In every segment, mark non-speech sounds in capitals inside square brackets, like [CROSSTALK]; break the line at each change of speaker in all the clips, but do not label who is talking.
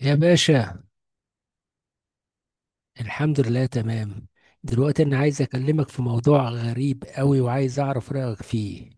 يا باشا، الحمد لله تمام. دلوقتي انا عايز اكلمك في موضوع غريب قوي وعايز اعرف رأيك فيه.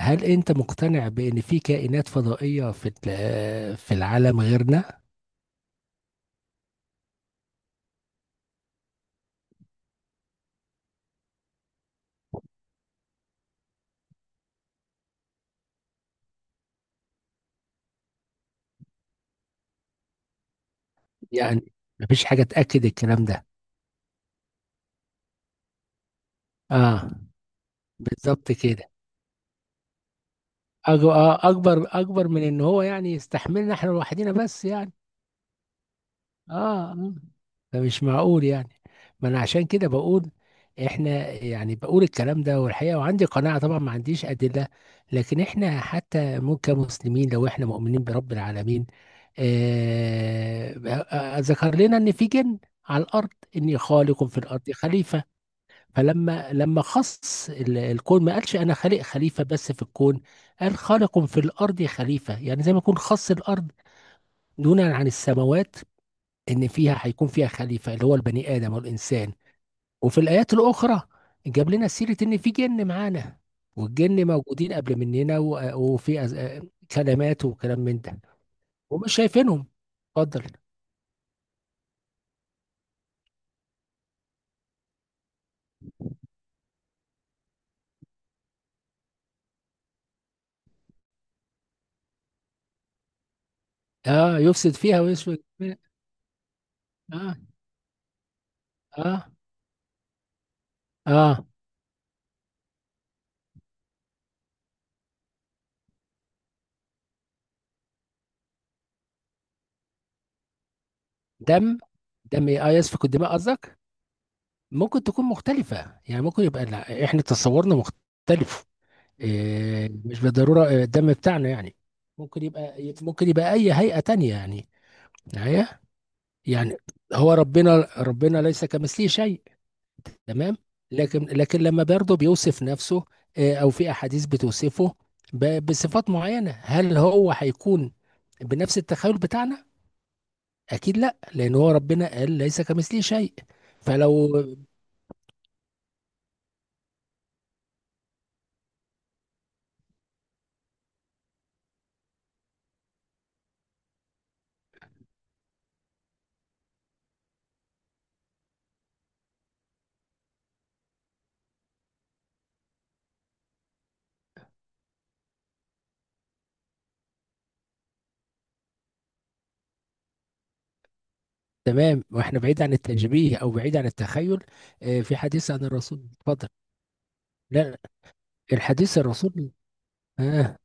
هل انت مقتنع بان في كائنات فضائية في العالم غيرنا؟ يعني مفيش حاجة تأكد الكلام ده؟ اه، بالظبط كده. اكبر من ان هو يعني يستحملنا احنا لوحدينا بس يعني. اه، آه. ده مش معقول يعني. ما انا عشان كده بقول، احنا يعني بقول الكلام ده والحقيقه، وعندي قناعه طبعا ما عنديش ادله. لكن احنا حتى مو كمسلمين، لو احنا مؤمنين برب العالمين. آه، ذكر لنا ان في جن على الارض، اني خالق في الارض خليفه. فلما خص الكون، ما قالش انا خالق خليفه بس في الكون. قال خالق في الارض خليفه، يعني زي ما يكون خص الارض دونا عن السماوات، ان فيها هيكون فيها خليفه اللي هو البني ادم والانسان. وفي الايات الاخرى جاب لنا سيره ان في جن معانا. والجن موجودين قبل مننا و- وفي كلمات وكلام من ده. ومش شايفينهم. اتفضل. اه، يفسد فيها ويسفك فيها. اه، اه، اه، دم. دم إيه؟ اه، يسفك الدماء قصدك. ممكن تكون مختلفه يعني، ممكن يبقى، لا، احنا تصورنا مختلف. إيه، مش بالضروره الدم بتاعنا يعني. ممكن يبقى اي هيئه تانية يعني، معايا يعني. هو ربنا ليس كمثله شيء. تمام. لكن لما برضه بيوصف نفسه، او في احاديث بتوصفه بصفات معينه، هل هو هيكون بنفس التخيل بتاعنا؟ اكيد لا، لان هو ربنا قال ليس كمثله شيء. فلو. تمام، واحنا بعيد عن التشبيه او بعيد عن التخيل. في حديث عن الرسول، اتفضل. لا. الحديث الرسول. آه.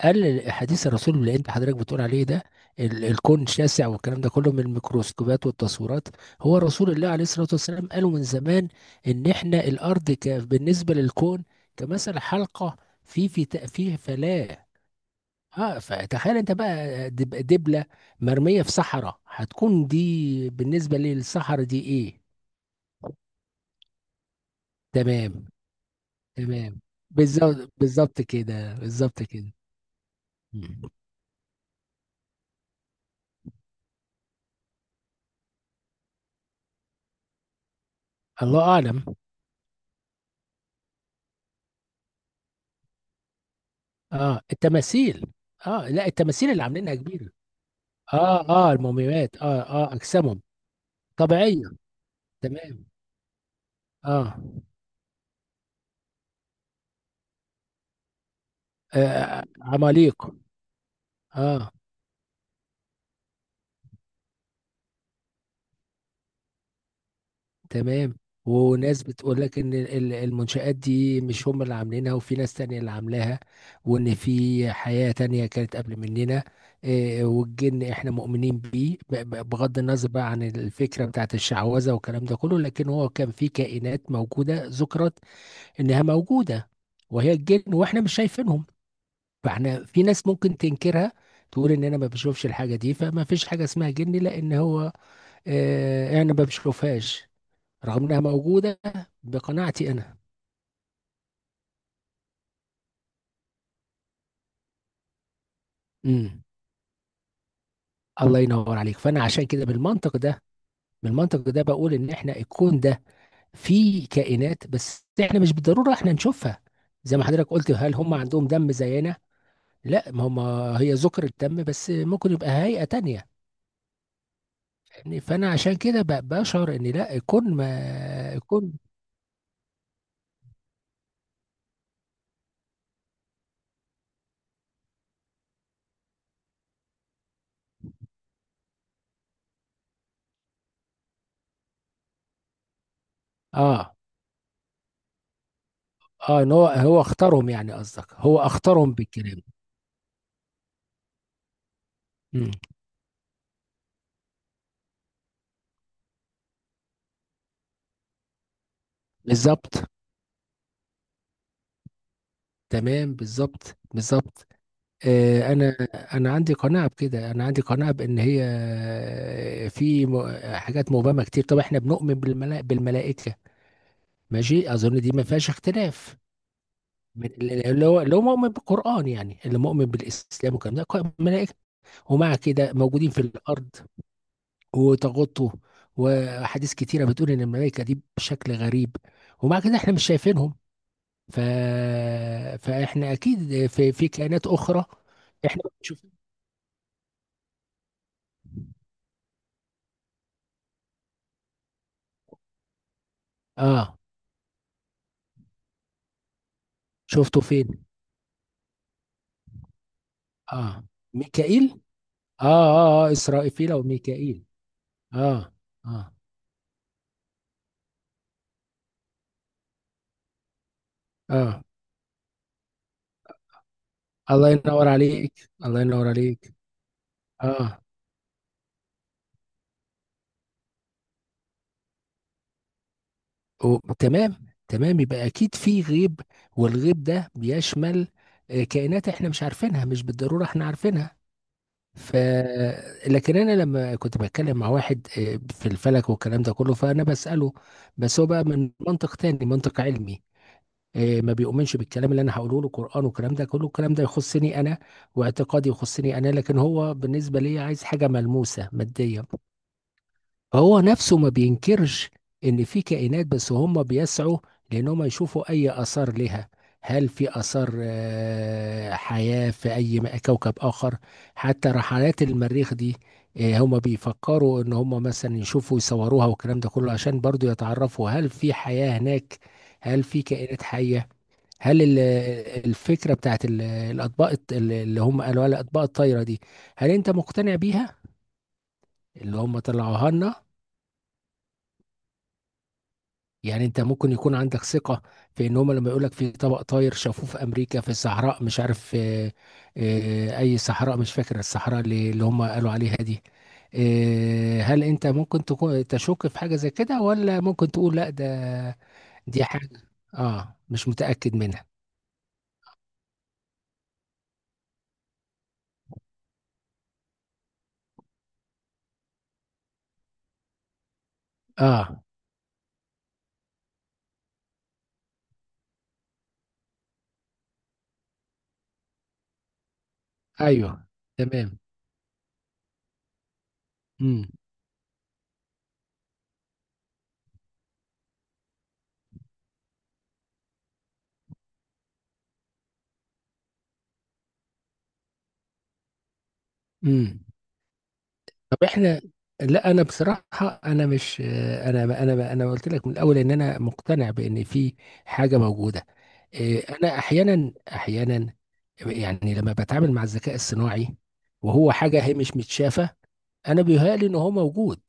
قال حديث الرسول اللي انت حضرتك بتقول عليه ده، الكون شاسع، والكلام ده كله من الميكروسكوبات والتصويرات. هو رسول الله عليه الصلاة والسلام قالوا من زمان ان احنا الارض بالنسبة للكون كمثل حلقة في فلاة. اه، فتخيل انت بقى دبلة مرمية في صحراء، هتكون دي بالنسبة للصحراء دي ايه؟ تمام، تمام، بالظبط، بالظبط كده، بالظبط كده. مم. الله اعلم. اه، التماثيل. اه، لا، التماثيل اللي عاملينها كبيره. اه، اه، المومياوات، اه، اه، اجسامهم طبيعيه. تمام. اه, عماليق. اه. تمام. وناس بتقول لك ان المنشآت دي مش هم اللي عاملينها، وفي ناس تانية اللي عاملاها. وان في حياة تانية كانت قبل مننا. آه، والجن احنا مؤمنين بيه، بغض النظر بقى عن الفكرة بتاعت الشعوذة والكلام ده كله، لكن هو كان في كائنات موجودة ذكرت انها موجوده، وهي الجن، واحنا مش شايفينهم. فاحنا في ناس ممكن تنكرها، تقول ان انا ما بشوفش الحاجه دي فما فيش حاجه اسمها جن، لان هو انا ما بشوفهاش رغم انها موجوده. بقناعتي انا. امم الله ينور عليك. فانا عشان كده، بالمنطق ده بقول ان احنا الكون ده فيه كائنات، بس احنا مش بالضروره احنا نشوفها. زي ما حضرتك قلت، هل هم عندهم دم زينا؟ لا، ما هم. هي ذكر الدم، بس ممكن يبقى هيئه تانية يعني. فانا عشان كده بشعر ان لا يكون ما يكون. اه، اه، ان هو اختارهم يعني، قصدك هو اختارهم بالكلام. مم. بالظبط، تمام، بالظبط، بالظبط. آه انا انا عندي قناعه بكده، انا عندي قناعه بان هي، حاجات مبهمه كتير. طب احنا بنؤمن بالملائكه. ماشي، اظن دي ما فيهاش اختلاف. من اللي هو مؤمن بالقران، يعني اللي مؤمن بالاسلام والكلام ده. ملائكه. ومع كده موجودين في الارض، وتغطه. وأحاديث كتيرة بتقول إن الملائكة دي بشكل غريب، ومع كده إحنا مش شايفينهم. ف... فإحنا أكيد في كائنات أخرى. إحنا بنشوف. آه، شفته فين؟ آه، ميكائيل؟ آه، آه، آه، إسرائيل أو ميكائيل. آه، آه، آه، الله ينور عليك، الله ينور عليك. آه تمام. تمام، يبقى أكيد في غيب. والغيب ده بيشمل كائنات إحنا مش عارفينها، مش بالضرورة إحنا عارفينها. ف لكن انا لما كنت بتكلم مع واحد في الفلك والكلام ده كله، فانا بساله. بس هو بقى من منطق تاني، منطق علمي. ما بيؤمنش بالكلام اللي انا هقوله له، قران والكلام ده كله، الكلام ده يخصني انا. واعتقادي يخصني انا، لكن هو بالنسبه لي عايز حاجه ملموسه ماديه. فهو نفسه ما بينكرش ان في كائنات، بس هم بيسعوا لانهم يشوفوا اي اثار لها. هل في اثار حياة في اي كوكب اخر؟ حتى رحلات المريخ دي، هم بيفكروا ان هم مثلا يشوفوا يصوروها والكلام ده كله، عشان برضو يتعرفوا هل في حياة هناك. هل في كائنات حية؟ هل الفكرة بتاعت الأطباق، اللي هم قالوا لها الأطباق الطايرة دي، هل أنت مقتنع بيها، اللي هم طلعوها لنا؟ يعني انت ممكن يكون عندك ثقة في ان هم لما يقولك في طبق طاير شافوه في امريكا في الصحراء، مش عارف، اه. اه، اي صحراء، مش فاكر الصحراء اللي هم قالوا عليها دي. اه، هل انت ممكن تكون تشك في حاجة زي كده، ولا ممكن تقول لا، ده دي حاجة، اه، مش متأكد منها؟ اه، ايوه، تمام. امم امم طب احنا، لا، انا بصراحه. انا مش آه، انا انا انا قلت لك من الاول ان انا مقتنع بان في حاجه موجوده. إيه، انا احيانا، احيانا، يعني لما بتعامل مع الذكاء الصناعي، وهو حاجه هي مش متشافه، انا بيهيألي ان هو موجود.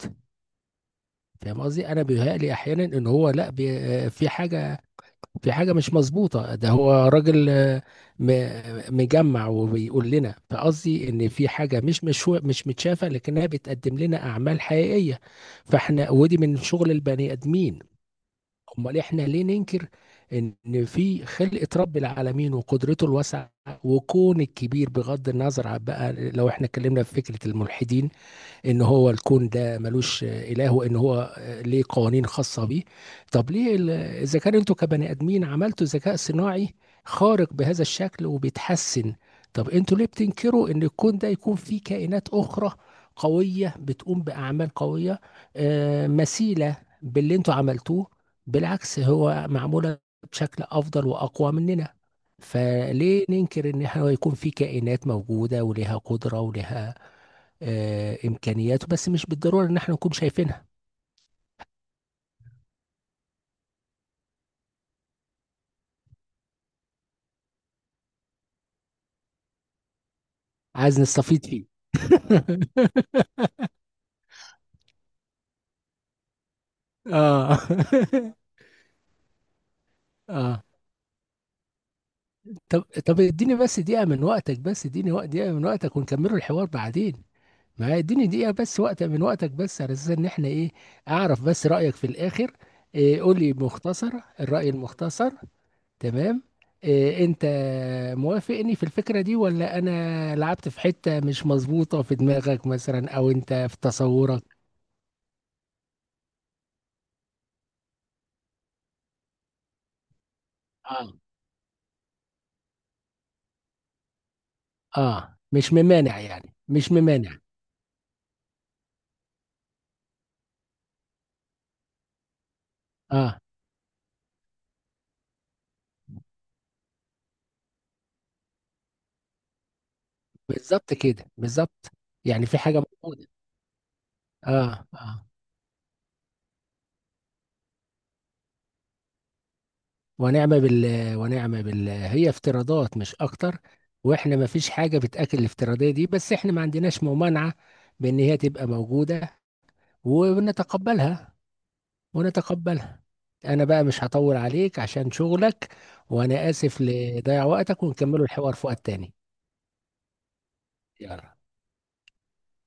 فاهم قصدي؟ انا بيهيألي احيانا ان هو، لا، بي آه، في حاجه مش مظبوطه، ده هو راجل، مجمع وبيقول لنا، فقصدي ان في حاجه مش متشافه لكنها بتقدم لنا اعمال حقيقيه. فاحنا، ودي من شغل البني ادمين. امال احنا ليه ننكر ان في خلقة رب العالمين وقدرته الواسعة وكون الكبير، بغض النظر عن بقى، لو احنا اتكلمنا في فكرة الملحدين ان هو الكون ده ملوش اله وان هو ليه قوانين خاصه بيه. طب ليه اذا كان انتوا كبني ادمين عملتوا ذكاء صناعي خارق بهذا الشكل وبيتحسن، طب انتوا ليه بتنكروا ان الكون ده يكون فيه كائنات اخرى قويه بتقوم باعمال قويه مثيله باللي انتوا عملتوه؟ بالعكس هو معموله بشكل افضل واقوى مننا. فليه ننكر ان احنا يكون في كائنات موجوده ولها قدره ولها امكانياته، بس مش بالضروره ان احنا نكون شايفينها. عايز نستفيد فيه. [LAUGHS] اه. [LAUGHS] اه. طب طب اديني بس دقيقه من وقتك، بس اديني وقت دقيقه من وقتك ونكملوا الحوار بعدين. ما اديني دقيقه بس وقت من وقتك، بس على اساس ان احنا ايه، اعرف بس رايك في الاخر. إيه، قول لي مختصر. الراي المختصر. تمام. إيه، انت موافقني في الفكره دي، ولا انا لعبت في حته مش مظبوطه في دماغك مثلا، او انت في تصورك؟ اه، مش ممانع يعني، مش ممانع. اه، بالظبط كده، بالظبط. يعني في حاجة موجودة. اه، اه. ونعم بالله، ونعم بالله، هي افتراضات مش اكتر. واحنا ما فيش حاجة بتأكل الافتراضية دي، بس احنا ما عندناش ممانعة بان هي تبقى موجودة. ونتقبلها، ونتقبلها. انا بقى مش هطول عليك عشان شغلك. وانا اسف لضيع وقتك، ونكملوا الحوار في وقت تاني. يلا.